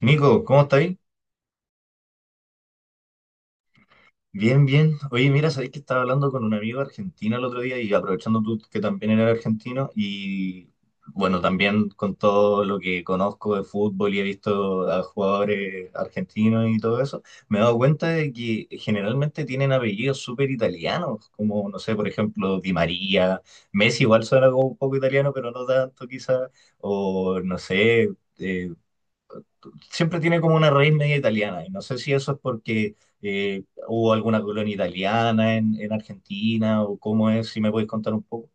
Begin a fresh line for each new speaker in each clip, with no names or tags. Nico, ¿cómo estáis? Bien, bien. Oye, mira, sabéis que estaba hablando con un amigo argentino el otro día y aprovechando tú que también eres argentino y bueno, también con todo lo que conozco de fútbol y he visto a jugadores argentinos y todo eso, me he dado cuenta de que generalmente tienen apellidos súper italianos, como, no sé, por ejemplo, Di María, Messi igual suena como un poco italiano, pero no tanto quizás, o no sé. eh, Siempre tiene como una raíz media italiana, y no sé si eso es porque hubo alguna colonia italiana en Argentina o cómo es, si me podéis contar un poco.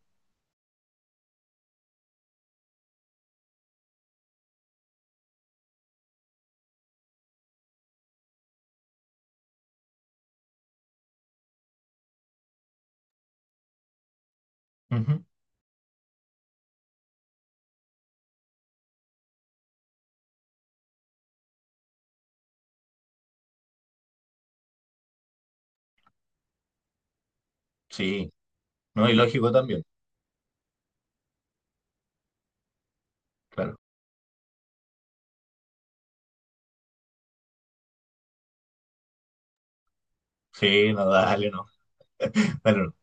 Ujú. Sí, no, y lógico también, claro. Sí, no, dale, no. Bueno, no.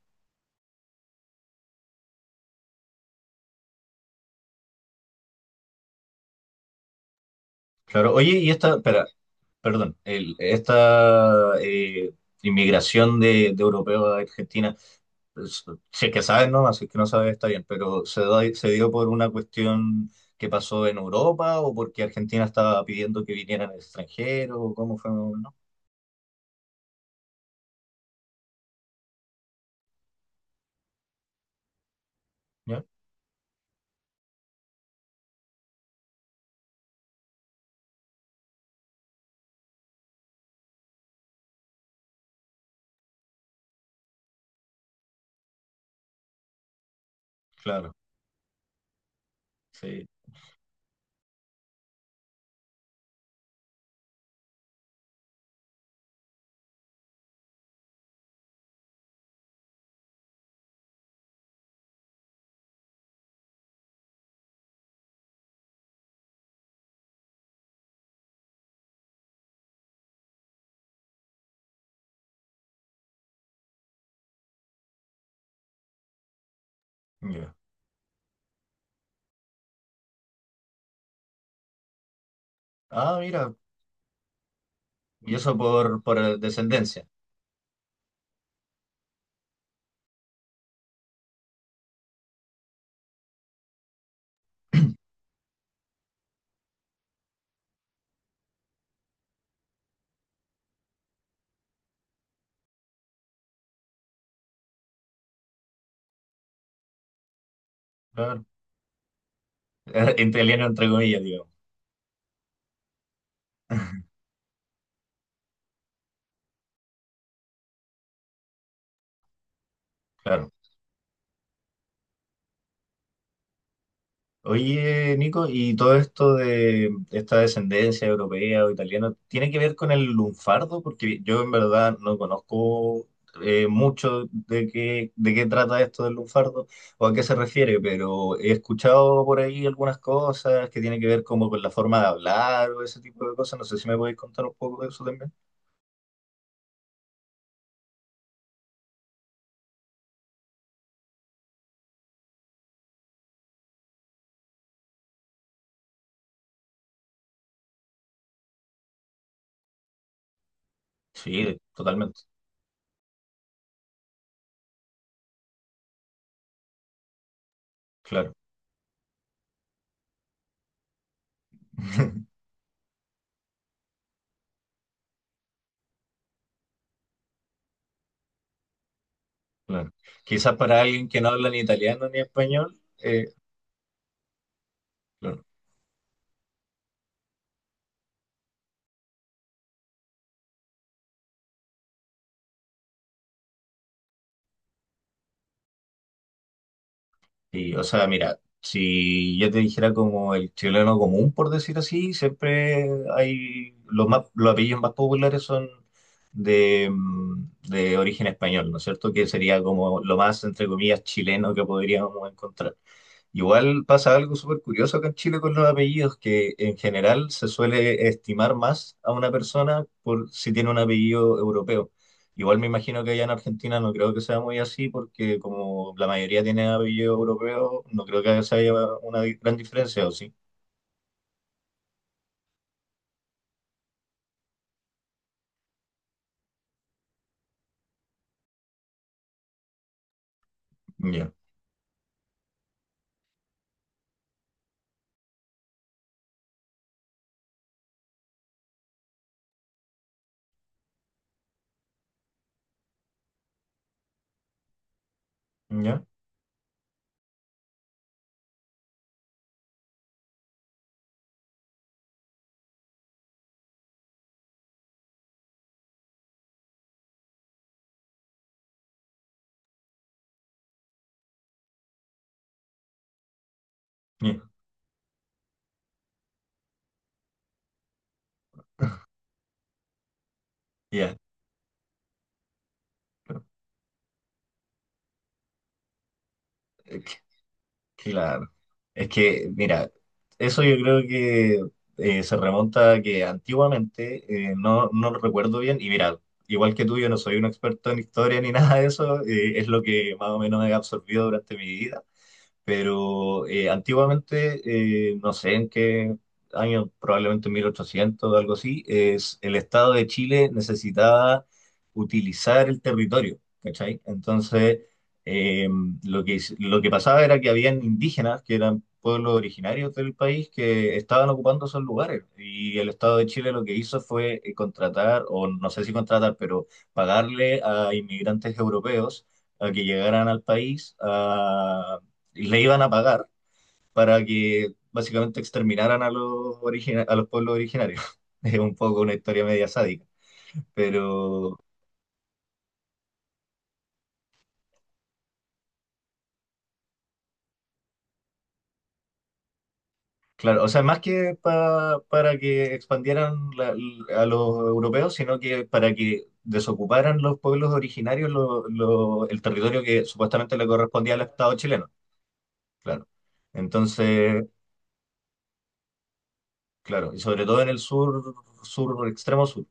Claro. Oye, y esta, espera, perdón, esta inmigración de europeos a Argentina, pues, si es que sabes no así que no sabes está bien, pero ¿ se dio por una cuestión que pasó en Europa o porque Argentina estaba pidiendo que vinieran extranjeros o cómo fue? ¿No? ¿Ya? Claro, sí. Ya. Ah, mira, y eso por descendencia, claro. Entre italiano entre comillas, digo. Claro. Oye, Nico, ¿y todo esto de esta descendencia europea o italiana tiene que ver con el lunfardo? Porque yo en verdad no conozco mucho de qué trata esto del lunfardo o a qué se refiere, pero he escuchado por ahí algunas cosas que tienen que ver como con la forma de hablar o ese tipo de cosas. No sé si me podéis contar un poco de eso también. Sí, totalmente, claro. Claro. Quizás para alguien que no habla ni italiano ni español, claro. Sí, o sea, mira, si yo te dijera como el chileno común, por decir así, siempre hay los más, los apellidos más populares son de, mm, de origen español, ¿no es cierto? Que sería como lo más, entre comillas, chileno que podríamos encontrar. Igual pasa algo súper curioso acá en Chile con los apellidos, que en general se suele estimar más a una persona por si tiene un apellido europeo. Igual me imagino que allá en Argentina no creo que sea muy así, porque como la mayoría tiene apellido europeo, no creo que haya una gran diferencia, ¿o sí? Ya, ya, ya, ya. Es que- Claro. Es que, mira, eso yo creo que se remonta a que antiguamente, no, no lo recuerdo bien, y mira, igual que tú, yo no soy un experto en historia ni nada de eso, es lo que más o menos he absorbido durante mi vida. Pero antiguamente, no sé en qué año, probablemente 1800 o algo así, es, el Estado de Chile necesitaba utilizar el territorio, ¿cachai? Entonces, eh, lo que pasaba era que habían indígenas, que eran pueblos originarios del país, que estaban ocupando esos lugares. Y el Estado de Chile lo que hizo fue contratar, o no sé si contratar, pero pagarle a inmigrantes europeos a que llegaran al país a y le iban a pagar para que básicamente exterminaran a a los pueblos originarios. Es un poco una historia media sádica, pero claro, o sea, más que para que expandieran a los europeos, sino que para que desocuparan los pueblos originarios el territorio que supuestamente le correspondía al Estado chileno, claro. Entonces, claro, y sobre todo en el sur, sur extremo sur.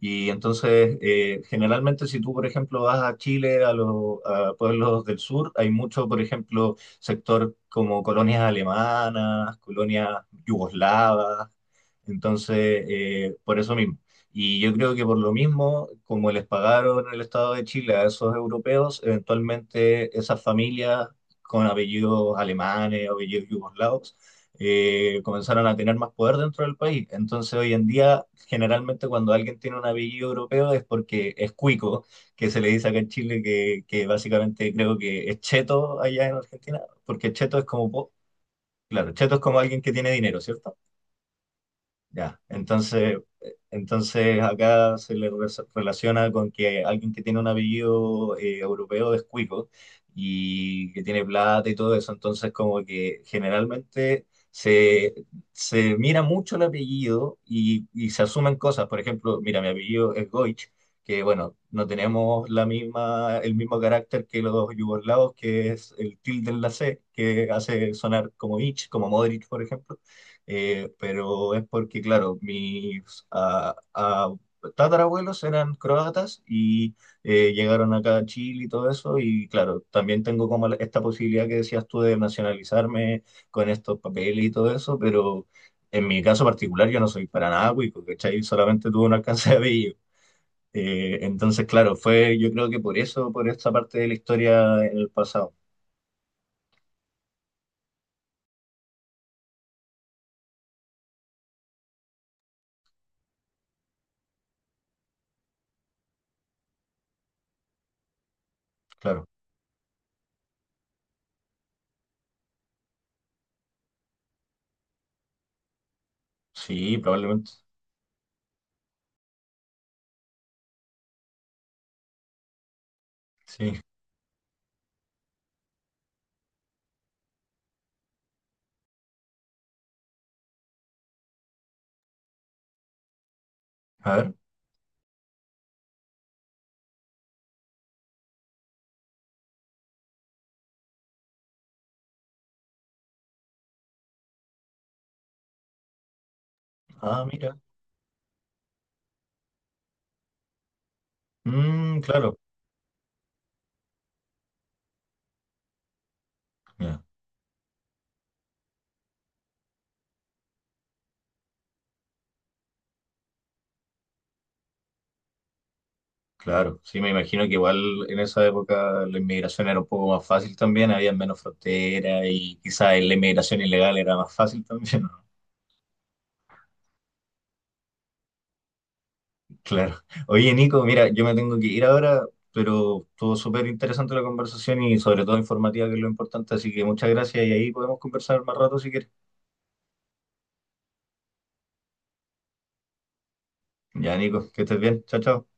Y entonces, generalmente si tú, por ejemplo, vas a Chile, a los a pueblos del sur, hay mucho, por ejemplo, sector como colonias alemanas, colonias yugoslavas, entonces, por eso mismo. Y yo creo que por lo mismo, como les pagaron el Estado de Chile a esos europeos, eventualmente esas familias con apellidos alemanes, apellidos yugoslavos, comenzaron a tener más poder dentro del país. Entonces, hoy en día generalmente cuando alguien tiene un apellido europeo es porque es cuico, que se le dice acá en Chile que básicamente creo que es cheto allá en Argentina, porque cheto es como, po- claro, cheto es como alguien que tiene dinero, ¿cierto? Ya, entonces, entonces acá se relaciona con que alguien que tiene un apellido europeo es cuico y que tiene plata y todo eso, entonces como que generalmente se, se mira mucho el apellido y se asumen cosas, por ejemplo, mira, mi apellido es Goich, que bueno, no tenemos la misma, el mismo carácter que los yugoslavos, que es el tilde en la C, que hace sonar como Ich, como Modric, por ejemplo. Pero es porque, claro, mis tatarabuelos eran croatas y llegaron acá a Chile y todo eso, y claro, también tengo como esta posibilidad que decías tú de nacionalizarme con estos papeles y todo eso, pero en mi caso particular yo no soy para nada cuico, ¿cachai? Solamente tuve un alcance de apellido. Entonces, claro, fue yo creo que por eso, por esta parte de la historia en el pasado, claro. Sí, probablemente. Sí. A ver. Ah, mira. Mm, claro. Ya, claro, sí, me imagino que igual en esa época la inmigración era un poco más fácil también, había menos fronteras y quizás la inmigración ilegal era más fácil también, ¿no? Claro. Oye, Nico, mira, yo me tengo que ir ahora, pero estuvo súper interesante la conversación y sobre todo informativa, que es lo importante, así que muchas gracias y ahí podemos conversar más rato si quieres. Ya, Nico, que estés bien, chao, chao.